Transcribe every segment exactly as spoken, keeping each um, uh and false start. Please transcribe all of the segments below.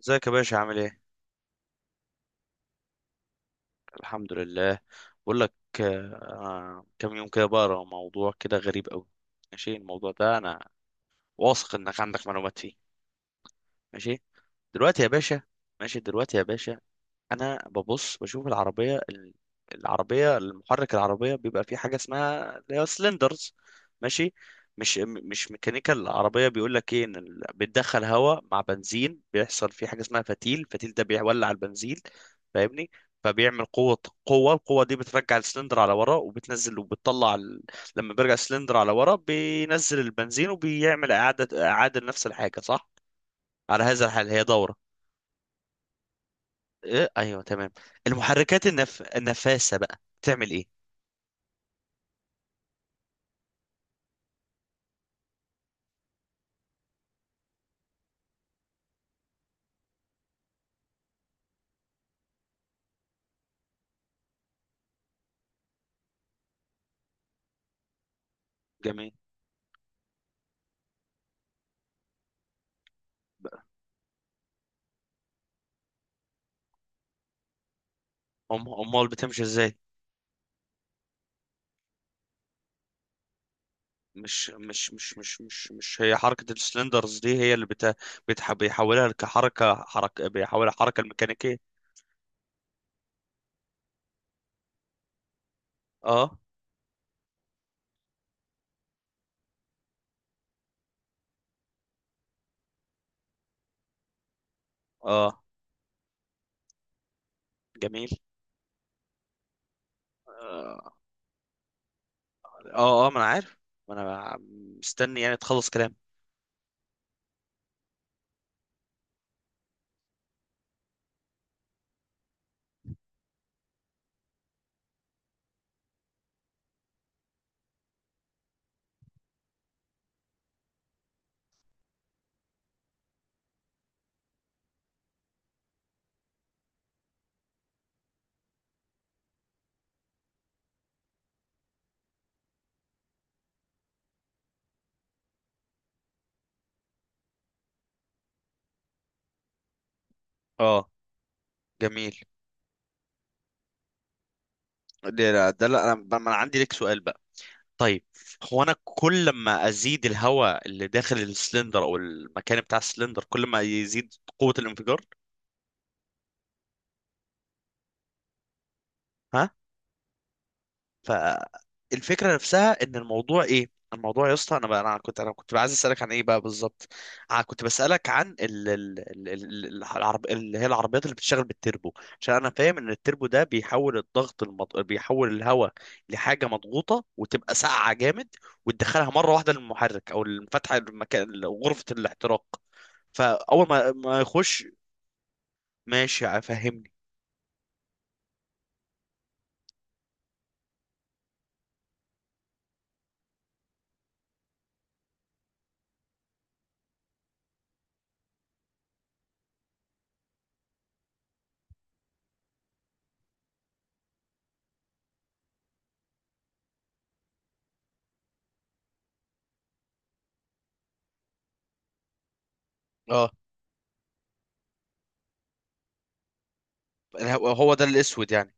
ازيك يا باشا عامل ايه؟ الحمد لله. بقول لك، آه، كم يوم كده بقرا موضوع كده غريب قوي. ماشي، الموضوع ده انا واثق انك عندك معلومات فيه. ماشي دلوقتي يا باشا. ماشي دلوقتي يا باشا، انا ببص بشوف العربيه ال- العربيه، المحرك العربيه بيبقى فيه حاجه اسمها اللي هي سلندرز. ماشي، مش م- مش ميكانيكا العربيه بيقول لك ايه، ان ال- بتدخل هواء مع بنزين، بيحصل فيه حاجه اسمها فتيل، الفتيل ده بيولع البنزين، فاهمني؟ فبيعمل قوه، قوه القوه دي بترجع السلندر على ورا، وبتنزل وبتطلع ال... لما بيرجع السلندر على ورا بينزل البنزين، وبيعمل اعاده، اعاده نفس الحاجه صح؟ على هذا الحال هي دوره. إيه؟ ايوه تمام. المحركات النف... النفاثة بقى بتعمل ايه؟ جميل. أم... امال بتمشي ازاي؟ مش مش مش مش مش مش هي حركة السلندرز دي هي اللي بت... بتح... بيحولها كحركة، حركة بيحولها حركة الميكانيكية. اه، اه، جميل. اه، اه، آه، ما انا عارف، ما انا مستني يعني تخلص كلام. اه جميل. ده ده لا انا، ما انا عندي لك سؤال بقى. طيب، هو انا كل ما ازيد الهواء اللي داخل السلندر او المكان بتاع السلندر، كل ما يزيد قوة الانفجار، ها؟ فالفكرة نفسها ان الموضوع ايه، الموضوع يا اسطى، انا بقى انا كنت انا كنت عايز اسالك عن ايه بقى بالظبط. انا كنت بسالك عن ال... ال... ال... ال... ال- العرب... اللي هي العربيات اللي بتشتغل بالتربو، عشان انا فاهم ان التربو ده بيحول الضغط المض... بيحول الهواء لحاجه مضغوطه، وتبقى ساقعه جامد، وتدخلها مره واحده للمحرك، او المفتحه المكان غرفه الاحتراق. فاول ما ما يخش. ماشي فهمني. اه، هو هو ده الاسود يعني؟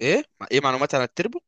ايه، ايه معلومات عن التربو؟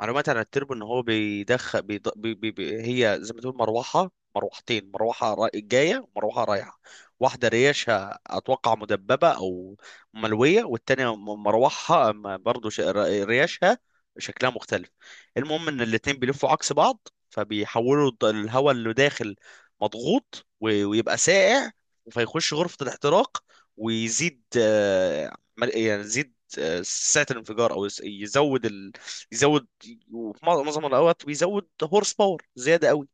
معلومات عن التربو، ان هو بيدخل بيض... بي... بي... بي... هي زي ما تقول مروحه، مروحتين، مروحه را... جايه ومروحه رايحه، واحده ريشها اتوقع مدببه او ملويه، والتانيه م- مروحها م- برضو ش... ر- ريشها شكلها مختلف. المهم ان الاتنين بيلفوا عكس بعض، فبيحولوا الض- الهواء اللي داخل مضغوط، و... ويبقى سائع، فيخش غرفه الاحتراق، ويزيد آه، مل- يعني يزيد آه، سعه الانفجار، او يس- يزود، يزود وفي معظم معظم الاوقات بيزود هورس باور زياده قوي.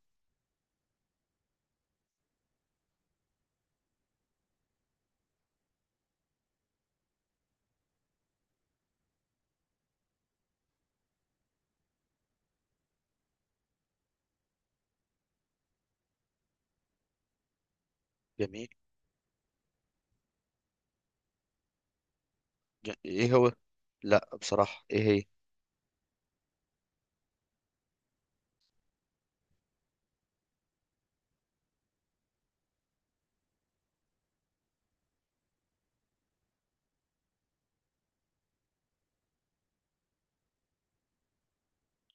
جميل. ج- ايه هو؟ لا بصراحه ايه هي؟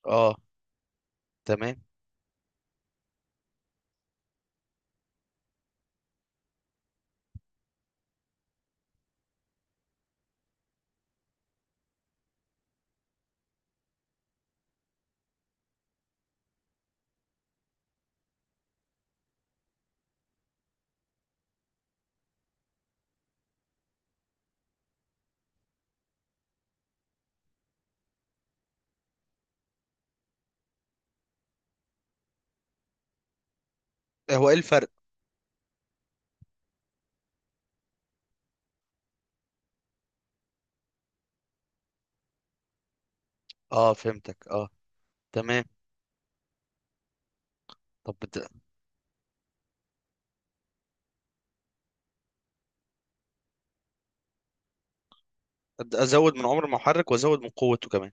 اه تمام. إيه هو، ايه الفرق؟ اه فهمتك، اه تمام. طب بت- أد- ازود من عمر المحرك وازود من قوته كمان.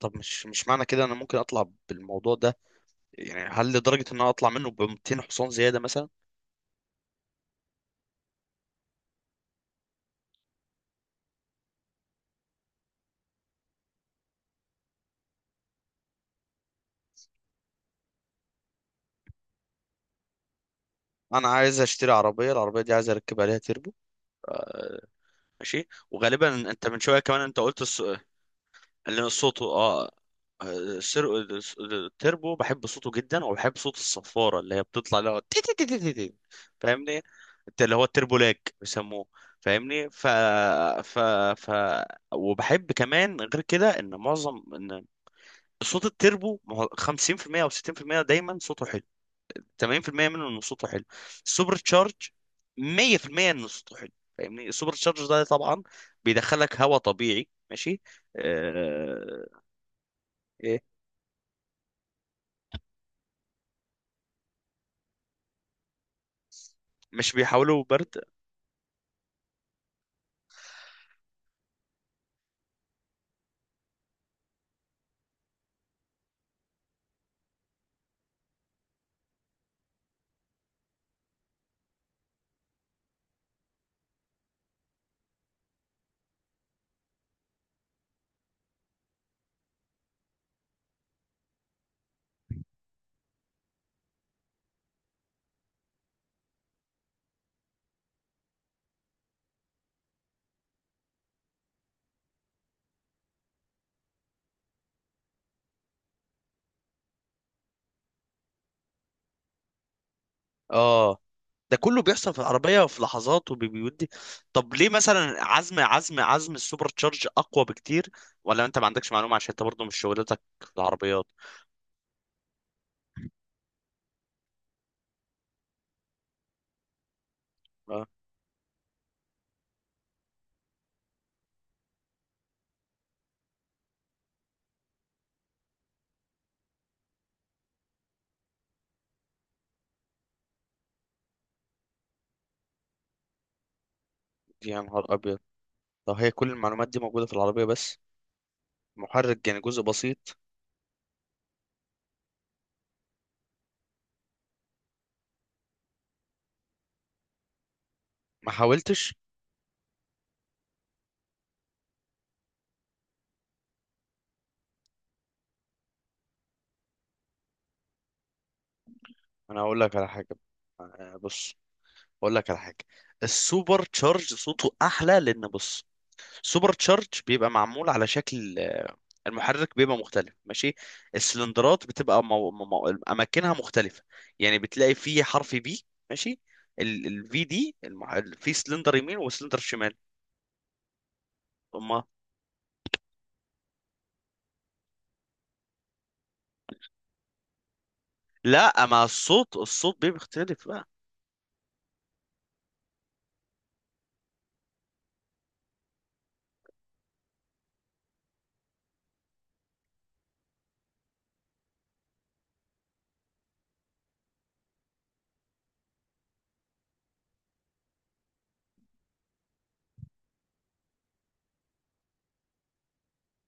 طب مش مش معنى كده انا ممكن اطلع بالموضوع ده، يعني هل لدرجه ان انا اطلع منه ب مئتين حصان زياده مثلا؟ انا عايز اشتري عربيه، العربيه دي عايز اركب عليها تيربو، ماشي. وغالبا انت من شويه كمان انت قلت، لأن صوته اه، السر... التربو بحب صوته جدا، وبحب صوت الصفارة اللي هي بتطلع، اللي هو تي تي تي تي تي تي. فاهمني؟ الت- اللي هو التربو لاج بيسموه. فاهمني؟ ف... ف... ف وبحب كمان غير كده ان معظم ان صوت التربو ما هو خمسين في المية او ستين في المية دايما صوته حلو، تمانين في المية منه انه صوته حلو. السوبر تشارج مية في المية انه صوته حلو، فاهمني؟ السوبر تشارج ده طبعا بيدخلك هواء طبيعي، ماشي. آه، إيه؟ مش بيحاولوا برد؟ اه. ده كله بيحصل في العربية في لحظات، وبيودي. طب ليه مثلا عزم عزم عزم السوبر تشارج اقوى بكتير؟ ولا انت ما عندكش معلومة عشان انت برضه مش شغلتك في العربيات. اه يا نهار ابيض. طب هي كل المعلومات دي موجودة في العربية بس، محرك يعني جزء بسيط. ما حاولتش. انا هقول لك على حاجة، آه، بص اقول لك على حاجة، السوبر تشارج صوته احلى لان بص، سوبر تشارج بيبقى معمول على شكل آه، المحرك بيبقى مختلف، ماشي. السلندرات بتبقى مو... مو... اماكنها مختلفه، يعني بتلاقي فيه حرف بي، ماشي. الفي دي المح... ال- في سلندر يمين وسلندر شمال. اما لا، ما الصوت، الصوت بيبقى بيختلف بقى.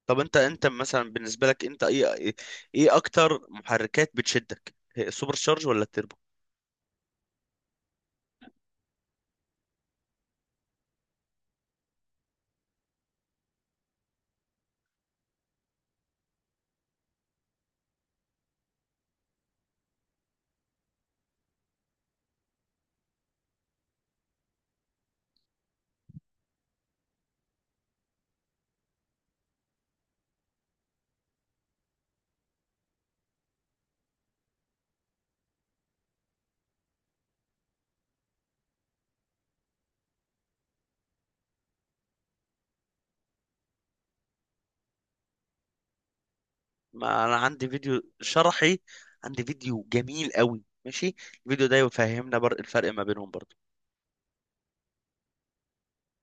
طب انت انت مثلا بالنسبه لك انت ايه، ايه اكتر محركات بتشدك، هي السوبر تشارج ولا التربو؟ ما انا عندي فيديو شرحي، عندي فيديو جميل قوي ماشي، الفيديو ده يفهمنا بر- الفرق ما بينهم برضه.